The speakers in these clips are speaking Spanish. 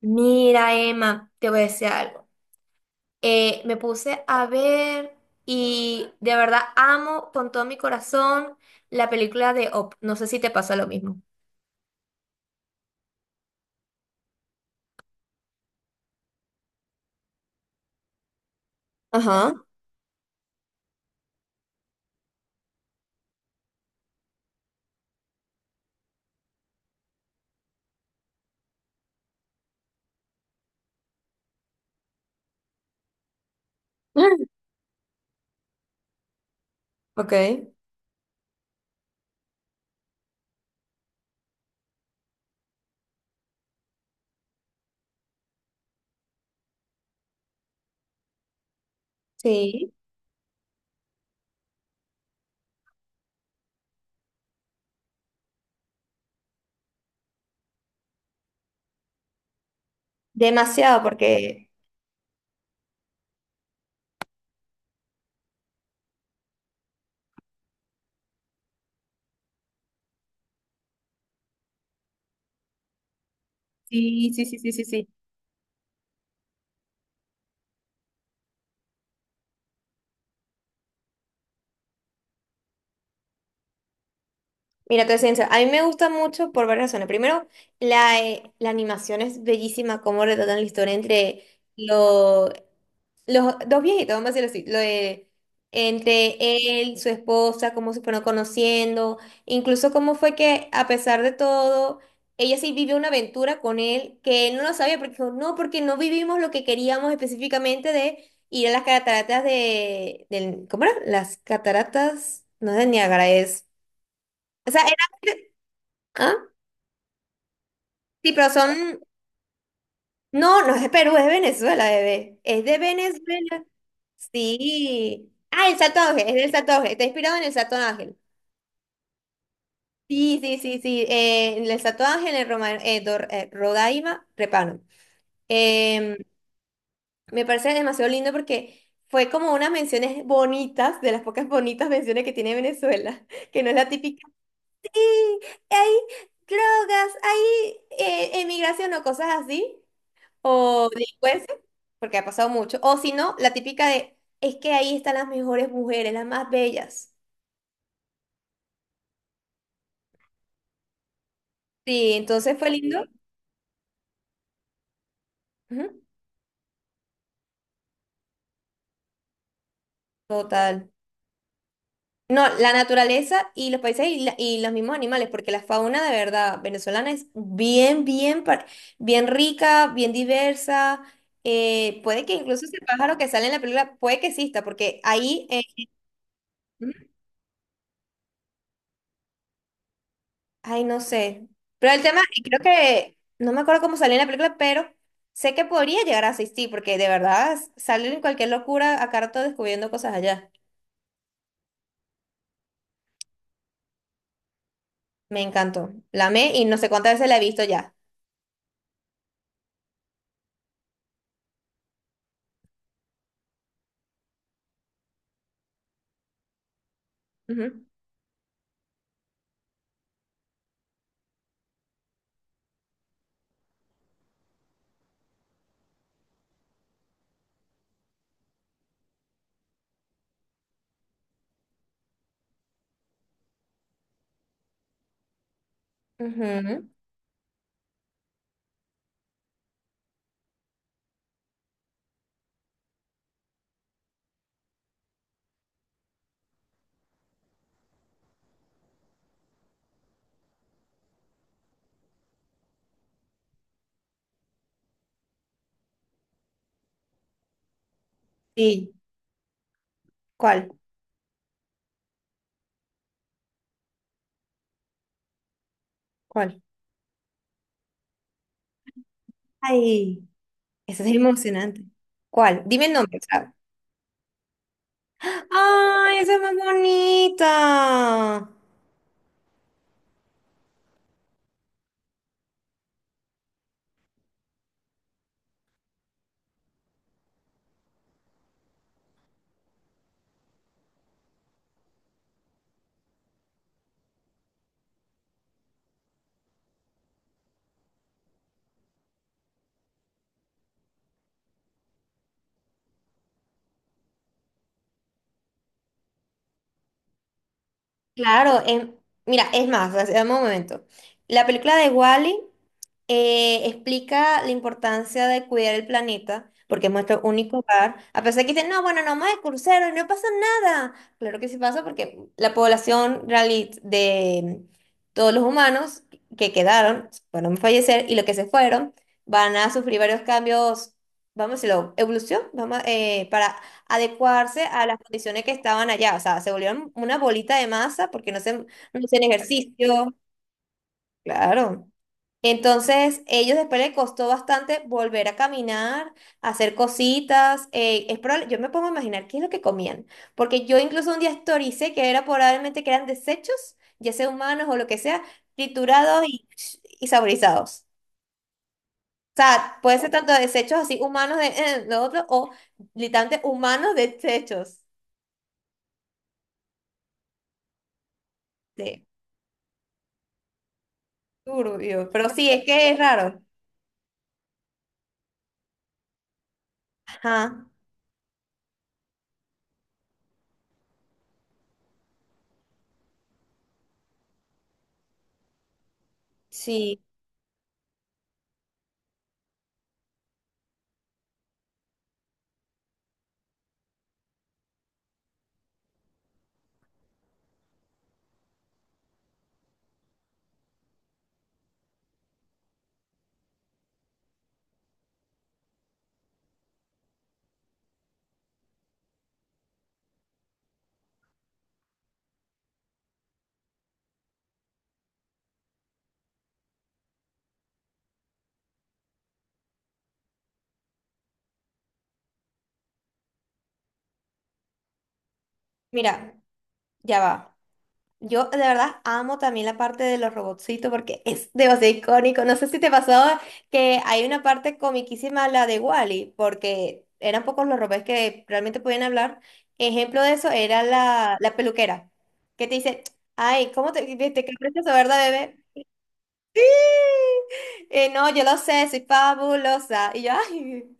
Mira, Emma, te voy a decir algo. Me puse a ver y de verdad amo con todo mi corazón la película de Op. No sé si te pasa lo mismo. Ajá. Ok. Sí. Demasiado, porque, sí, sí, sí, sí, sí, sí, mira, te soy sincera, a mí me gusta mucho por varias razones. Primero, la animación es bellísima, cómo retratan la historia entre los dos viejitos, vamos a decirlo así, lo de, entre él, su esposa, cómo se fueron conociendo, incluso cómo fue que a pesar de todo, ella sí vivió una aventura con él que él no lo sabía porque dijo, no, porque no vivimos lo que queríamos específicamente de ir a las cataratas de, del, ¿cómo era? Las cataratas, no es de Niágara, es, o sea, era, ¿ah? Sí, pero son, no, no es de Perú, es de Venezuela, bebé, es de Venezuela. Sí. Ah, el Santo Ángel, es del Santo Ángel, está inspirado en el Santo Ángel. Sí, sí, sí, sí. En el Santo Ángel, en Roma, Rodaima, Repano. Em, Me parece demasiado lindo porque fue como unas menciones bonitas, de las pocas bonitas menciones que tiene Venezuela, que no es la típica. "Sí, hay drogas, hay emigración o cosas así, o delincuencia, porque ha pasado mucho. O si no, la típica de, es que ahí están las mejores mujeres, las más bellas. Sí, entonces fue lindo. Ujú. Total. No, la naturaleza y los paisajes y, y los mismos animales, porque la fauna de verdad venezolana es bien, bien, bien rica, bien diversa. Puede que incluso ese pájaro que sale en la película, puede que exista, porque ahí, ujú, ay, no sé. Pero el tema, y creo que, no me acuerdo cómo salió en la película, pero sé que podría llegar a asistir, porque de verdad salen cualquier locura a rato descubriendo cosas allá. Me encantó. La amé y no sé cuántas veces la he visto ya. Ujú, ujú. Sí, ¿cuál? ¿Cuál? Ay, eso es emocionante. ¿Cuál? Dime el nombre, claro. Ay, esa es más bonita. Claro, mira, es más, o sea, dame un momento. La película de Wally explica la importancia de cuidar el planeta, porque es nuestro único hogar. A pesar de que dicen, no, bueno, no más de crucero y no pasa nada. Claro que sí pasa porque la población de todos los humanos que quedaron, bueno a fallecer y los que se fueron, van a sufrir varios cambios, vamos a decirlo, evolución, vamos, para adecuarse a las condiciones que estaban allá. O sea, se volvieron una bolita de masa porque no se, no hacían ejercicio. Claro. Entonces, ellos después les costó bastante volver a caminar, hacer cositas. Yo me pongo a imaginar qué es lo que comían, porque yo incluso un día historicé que era probablemente que eran desechos, ya sea humanos o lo que sea, triturados y saborizados. O sea, puede ser tanto desechos así humanos de lo otro o literalmente humanos desechos. De turbio, pero sí, es que es raro. Ajá, sí. Mira, ya va. Yo de verdad amo también la parte de los robotcitos porque es demasiado icónico. No sé si te pasó que hay una parte comiquísima, la de Wally, porque eran pocos los robots que realmente podían hablar. Ejemplo de eso era la peluquera, que te dice, ay, ¿cómo te, te qué precioso, verdad, bebé? No, yo lo sé, soy fabulosa. Y yo, ay.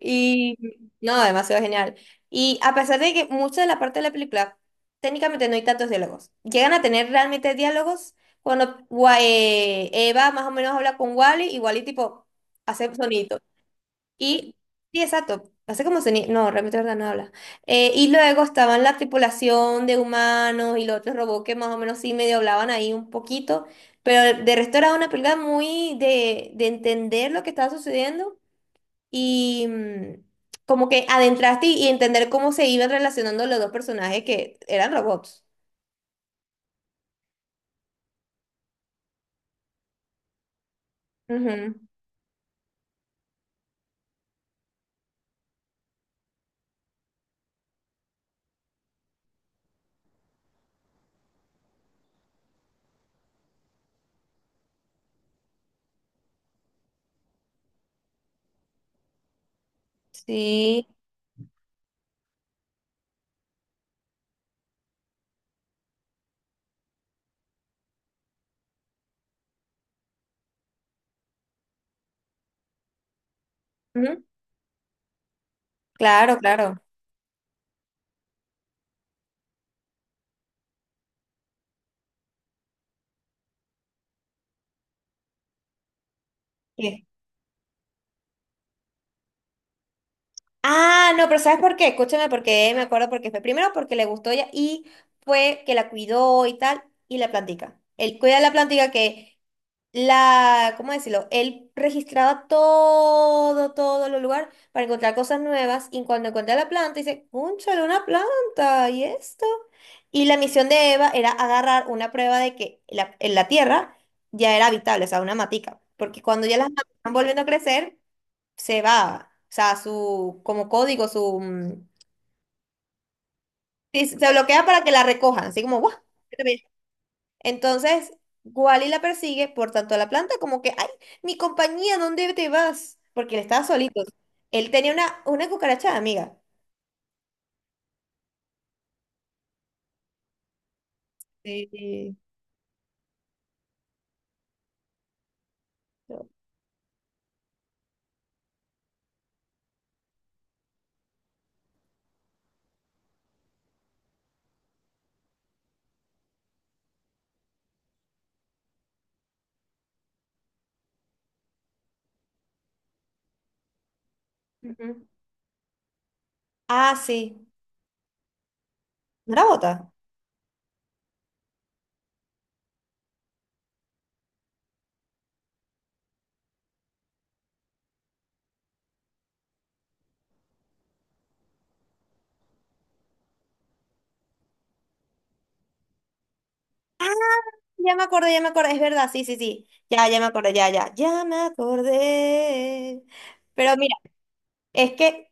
Y no, demasiado genial. Y a pesar de que mucha de la parte de la película, técnicamente no hay tantos diálogos. Llegan a tener realmente diálogos cuando Eva más o menos habla con Wally y Wally tipo hace sonido. Y sí, exacto. Hace como sonido. No, realmente verdad no habla. Y luego estaban la tripulación de humanos y los otros robots que más o menos sí medio hablaban ahí un poquito. Pero de resto era una película muy de entender lo que estaba sucediendo y como que adentraste y entender cómo se iban relacionando los dos personajes que eran robots. Ujú. Sí. Ujú. Claro, claro. Sí. Ah, no, pero ¿sabes por qué? Escúchame, porque me acuerdo porque fue primero porque le gustó ella y fue que la cuidó y tal, y la plantica. Él cuida la plantica que la, ¿cómo decirlo? Él registraba todo, todo el lugar para encontrar cosas nuevas y cuando encontré la planta, dice, ¡cónchale, una planta! ¿Y esto? Y la misión de Eva era agarrar una prueba de que la, en la tierra ya era habitable, o sea, una matica, porque cuando ya las matas están volviendo a crecer, se va, o sea, su, como código, su, sí, se bloquea para que la recojan, así como, ¡guau! Entonces, Wally la persigue por tanto a la planta como que, ay, mi compañía, ¿dónde te vas? Porque él estaba solito. Él tenía una cucaracha de amiga. Sí. Ujú. Ah, sí. ¿No era bota? Ya me acordé, es verdad, sí, sí, sí. Ya, ya me acordé, ya, ya, ya me acordé. Pero mira, es que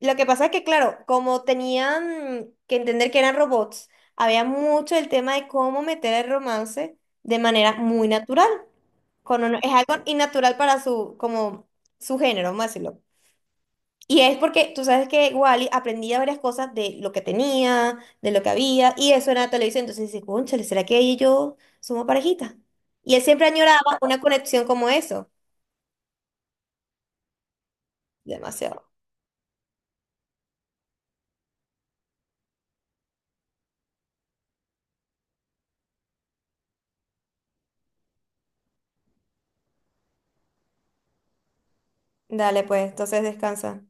lo que pasa es que, claro, como tenían que entender que eran robots, había mucho el tema de cómo meter el romance de manera muy natural. Es algo innatural para su, como, su género, vamos a decirlo. Y es porque tú sabes que Wally aprendía varias cosas de lo que tenía, de lo que había, y eso era la televisión. Entonces dice, cónchale, ¿será que ella y yo somos parejita? Y él siempre añoraba una conexión como eso. Demasiado. Dale, pues, entonces descansa.